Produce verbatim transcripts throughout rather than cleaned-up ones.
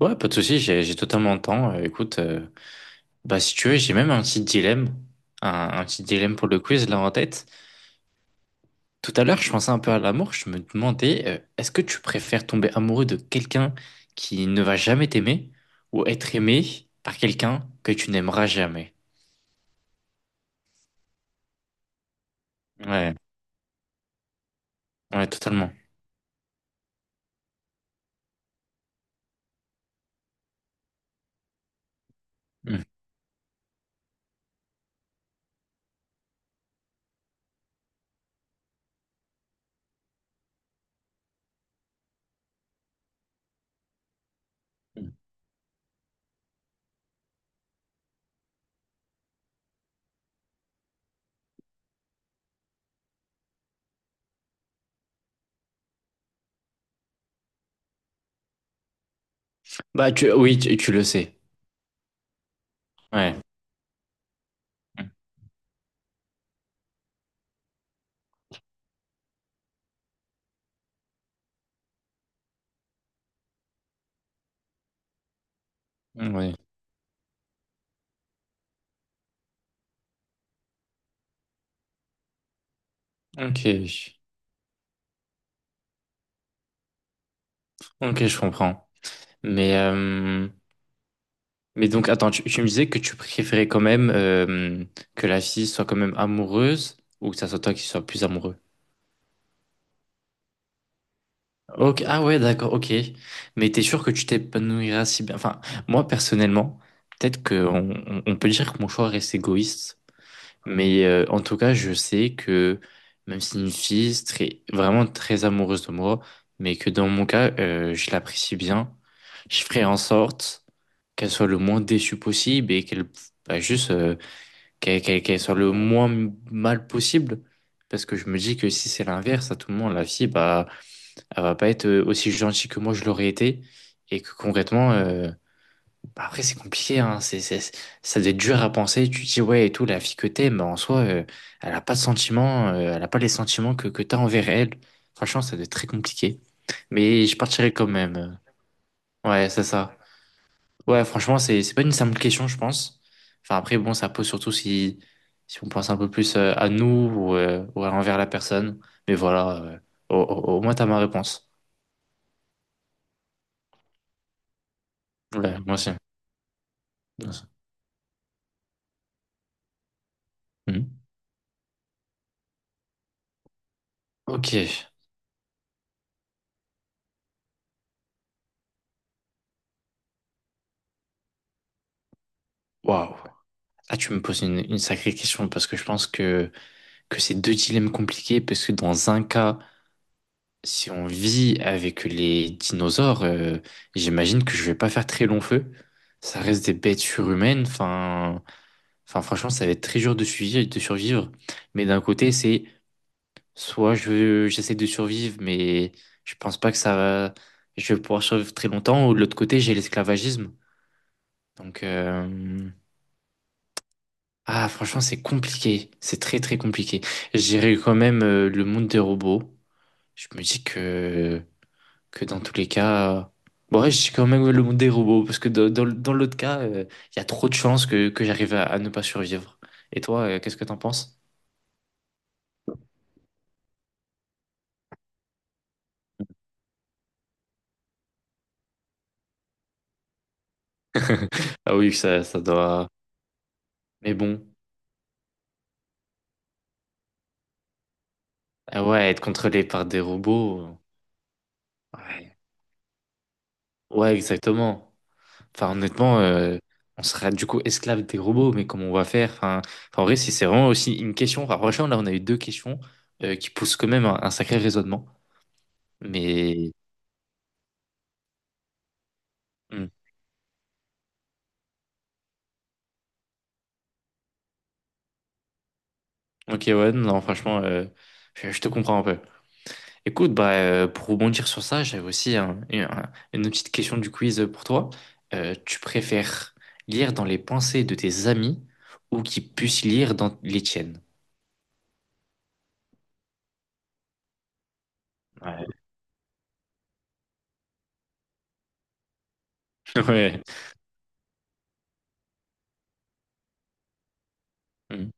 Ouais, pas de souci, j'ai j'ai totalement le temps. Euh, écoute, euh, bah si tu veux, j'ai même un petit dilemme, un, un petit dilemme pour le quiz là en tête. Tout à l'heure, je pensais un peu à l'amour, je me demandais, euh, est-ce que tu préfères tomber amoureux de quelqu'un qui ne va jamais t'aimer ou être aimé par quelqu'un que tu n'aimeras jamais? Ouais, ouais, totalement. Mm. Bah tu, oui, tu, tu le sais. Ouais. Mm, ouais. Ok, ok, je comprends. Mais euh, mais donc, attends, tu, tu me disais que tu préférais quand même euh, que la fille soit quand même amoureuse ou que ça soit toi qui sois plus amoureux. Ok, ah ouais, d'accord, ok. Mais t'es sûr que tu t'épanouiras si bien? Enfin, moi personnellement, peut-être qu'on on, on peut dire que mon choix reste égoïste, mais euh, en tout cas, je sais que même si une fille est très, vraiment très amoureuse de moi, mais que dans mon cas, euh, je l'apprécie bien, je ferai en sorte qu'elle soit le moins déçue possible et qu'elle bah, juste euh, qu'elle qu'elle- qu'elle soit le moins mal possible. Parce que je me dis que si c'est l'inverse, à tout moment, la fille, bah, elle va pas être euh, aussi gentille que moi je l'aurais été. Et que concrètement, euh, bah, après, c'est compliqué, hein. C'est, c'est, c'est- ça doit être dur à penser. Tu te dis, ouais, et tout, la fille que t'aimes, bah, en soi, euh, elle a pas de sentiments, euh, elle a pas les sentiments que, que t'as envers elle. Franchement, ça doit être très compliqué. Mais je partirais quand même. euh. Ouais, c'est ça. Ouais, franchement, c'est c'est pas une simple question, je pense. Enfin, après, bon, ça pose surtout si, si on pense un peu plus euh, à nous ou, euh, ou à envers la personne. Mais voilà, euh, au, au- au moins, t'as ma réponse. Ouais, moi aussi. Moi aussi. Mhm. Ok, waouh. Là, tu me poses une, une sacrée question parce que je pense que, que c'est deux dilemmes compliqués. Parce que dans un cas, si on vit avec les dinosaures, euh, j'imagine que je vais pas faire très long feu. Ça reste des bêtes surhumaines. Enfin. Enfin, franchement, ça va être très dur de survivre, de survivre. Mais d'un côté, c'est soit je, j'essaie de survivre, mais je pense pas que ça va, je vais pouvoir survivre très longtemps. Ou de l'autre côté, j'ai l'esclavagisme. Donc, euh, ah, franchement, c'est compliqué. C'est très, très compliqué. J'irai quand même euh, le monde des robots. Je me dis que, que dans tous les cas, bon, ouais, je dis quand même le monde des robots parce que dans, dans, dans l'autre cas, euh, il y a trop de chances que, que j'arrive à, à ne pas survivre. Et toi, euh, qu'est-ce que t'en penses? Ah oui, ça, ça doit. Mais bon, ah ouais, être contrôlé par des robots. euh, Ouais, ouais, exactement. Enfin, honnêtement, euh, on sera du coup esclave des robots, mais comment on va faire? Enfin, enfin, en vrai, si c'est vraiment aussi une question. Enfin, franchement, là, on a eu deux questions euh, qui poussent quand même un, un sacré raisonnement. Mais. Hmm. Ok, ouais, non, franchement, euh, je, je te comprends un peu. Écoute, bah, euh, pour rebondir sur ça, j'avais aussi un- une, un- une petite question du quiz pour toi. Euh, tu préfères lire dans les pensées de tes amis ou qu'ils puissent lire dans les tiennes? Ouais. Ouais. Mm.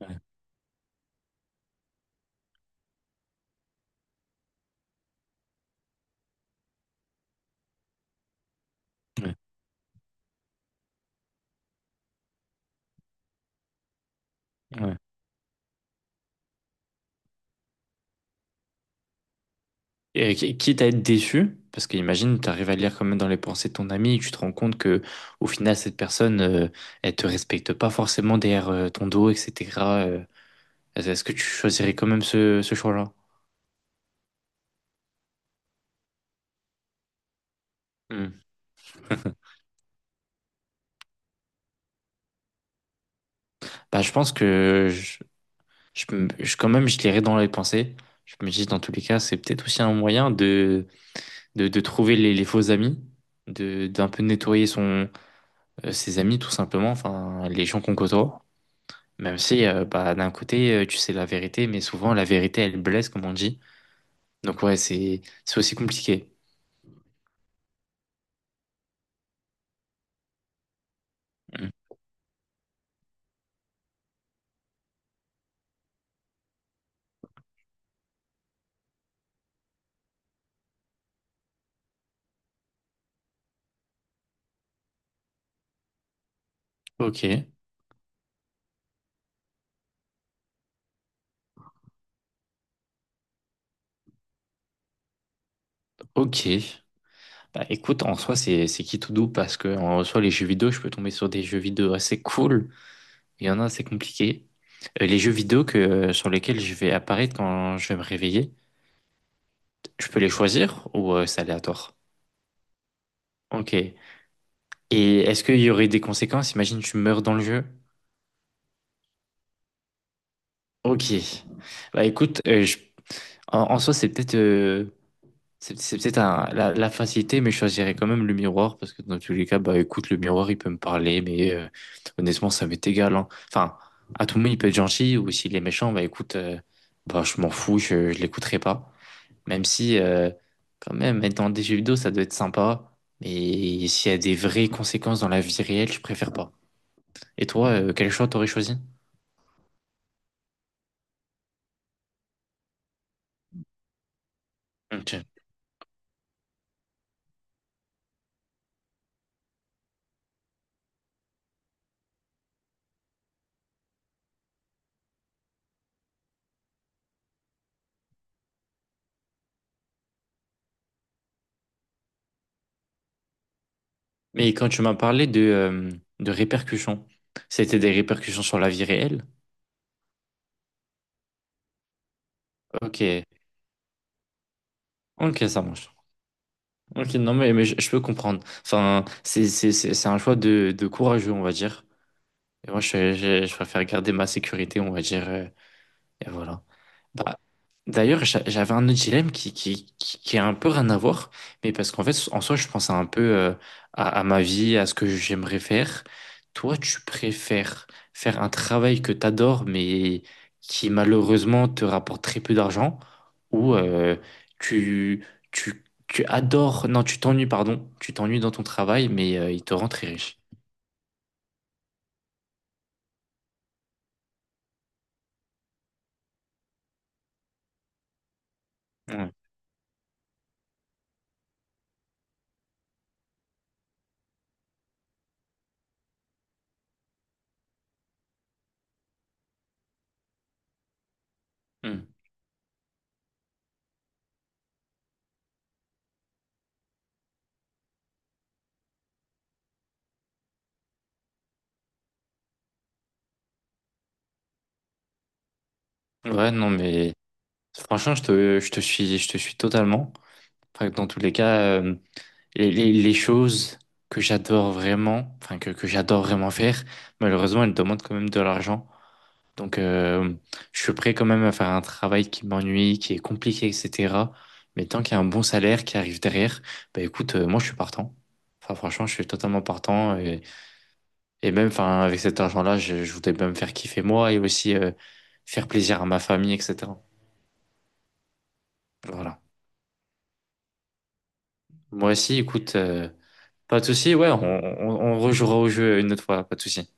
Ouais. Ouais. Ouais. Et qui- quitte à être déçu, parce qu'imagine, tu arrives à lire quand même dans les pensées de ton ami et tu te rends compte que au final, cette personne, euh, elle te respecte pas forcément derrière euh, ton dos, et cetera euh, est-ce que tu choisirais quand même ce, ce choix-là? Mm. Bah, je pense que je- je, me- je- quand même, je l'irai dans les pensées. Je me dis, dans tous les cas, c'est peut-être aussi un moyen de, de, de trouver les, les faux amis, de, d'un peu nettoyer son, euh, ses amis, tout simplement, enfin, les gens qu'on côtoie. Même si, euh, bah, d'un côté, euh, tu sais la vérité, mais souvent, la vérité, elle blesse, comme on dit. Donc, ouais, c'est, c'est aussi compliqué. Mm. Ok, ok. Bah, écoute, en soi, c'est, c'est qui tout doux parce que, en soi, les jeux vidéo, je peux tomber sur des jeux vidéo assez cool. Il y en a, c'est compliqué. Euh, les jeux vidéo que, euh, sur lesquels je vais apparaître quand je vais me réveiller, je peux les choisir ou euh, c'est aléatoire? Ok. Et est-ce qu'il y aurait des conséquences? Imagine, tu meurs dans le jeu. Ok. Bah écoute, euh, je- en, en soi, c'est peut-être euh, c'est c'est peut-être un- la, la facilité, mais je choisirais quand même le miroir parce que dans tous les cas, bah écoute, le miroir, il peut me parler, mais euh, honnêtement, ça m'est égal, hein. Enfin, à tout moment, il peut être gentil ou s'il est méchant, bah écoute, euh, bah je m'en fous, je, je l'écouterai pas. Même si, euh, quand même, être dans des jeux vidéo, ça doit être sympa. Mais s'il y a des vraies conséquences dans la vie réelle, je préfère pas. Et toi, euh, quel choix t'aurais choisi? Ok. Mais quand tu m'as parlé de, euh, de répercussions, c'était des répercussions sur la vie réelle? Ok. Ok, ça marche. Ok, non, mais, mais je, je peux comprendre. Enfin, c'est c'est- c'est- c'est un choix de, de courageux, on va dire. Et moi, je, je, je préfère garder ma sécurité, on va dire. euh, Et voilà. Bah, d'ailleurs, j'a- j'avais un autre dilemme qui, qui, qui, qui a un peu rien à voir, mais parce qu'en fait, en soi, je pensais un peu euh, à, à ma vie, à ce que j'aimerais faire. Toi, tu préfères faire un travail que tu adores, mais qui malheureusement te rapporte très peu d'argent, ou euh, tu, tu, tu adores, non, tu t'ennuies, pardon, tu t'ennuies dans ton travail, mais euh, il te rend très riche. Ouais, mm. Ouais, non, mais franchement, je te, je te suis, je te suis totalement. Enfin, dans tous les cas, euh, les, les- les choses que j'adore vraiment, enfin que, que j'adore vraiment faire, malheureusement, elles demandent quand même de l'argent. Donc, euh, je suis prêt quand même à faire un travail qui m'ennuie, qui est compliqué, et cetera. Mais tant qu'il y a un bon salaire qui arrive derrière, bah écoute, euh, moi je suis partant. Enfin, franchement, je suis totalement partant. Et, et même, enfin, avec cet argent-là, je, je voudrais bien me faire kiffer moi et aussi euh, faire plaisir à ma famille, et cetera. Voilà. Moi aussi, écoute. euh, Pas de souci, ouais, on, on, on rejouera au jeu une autre fois, pas de souci.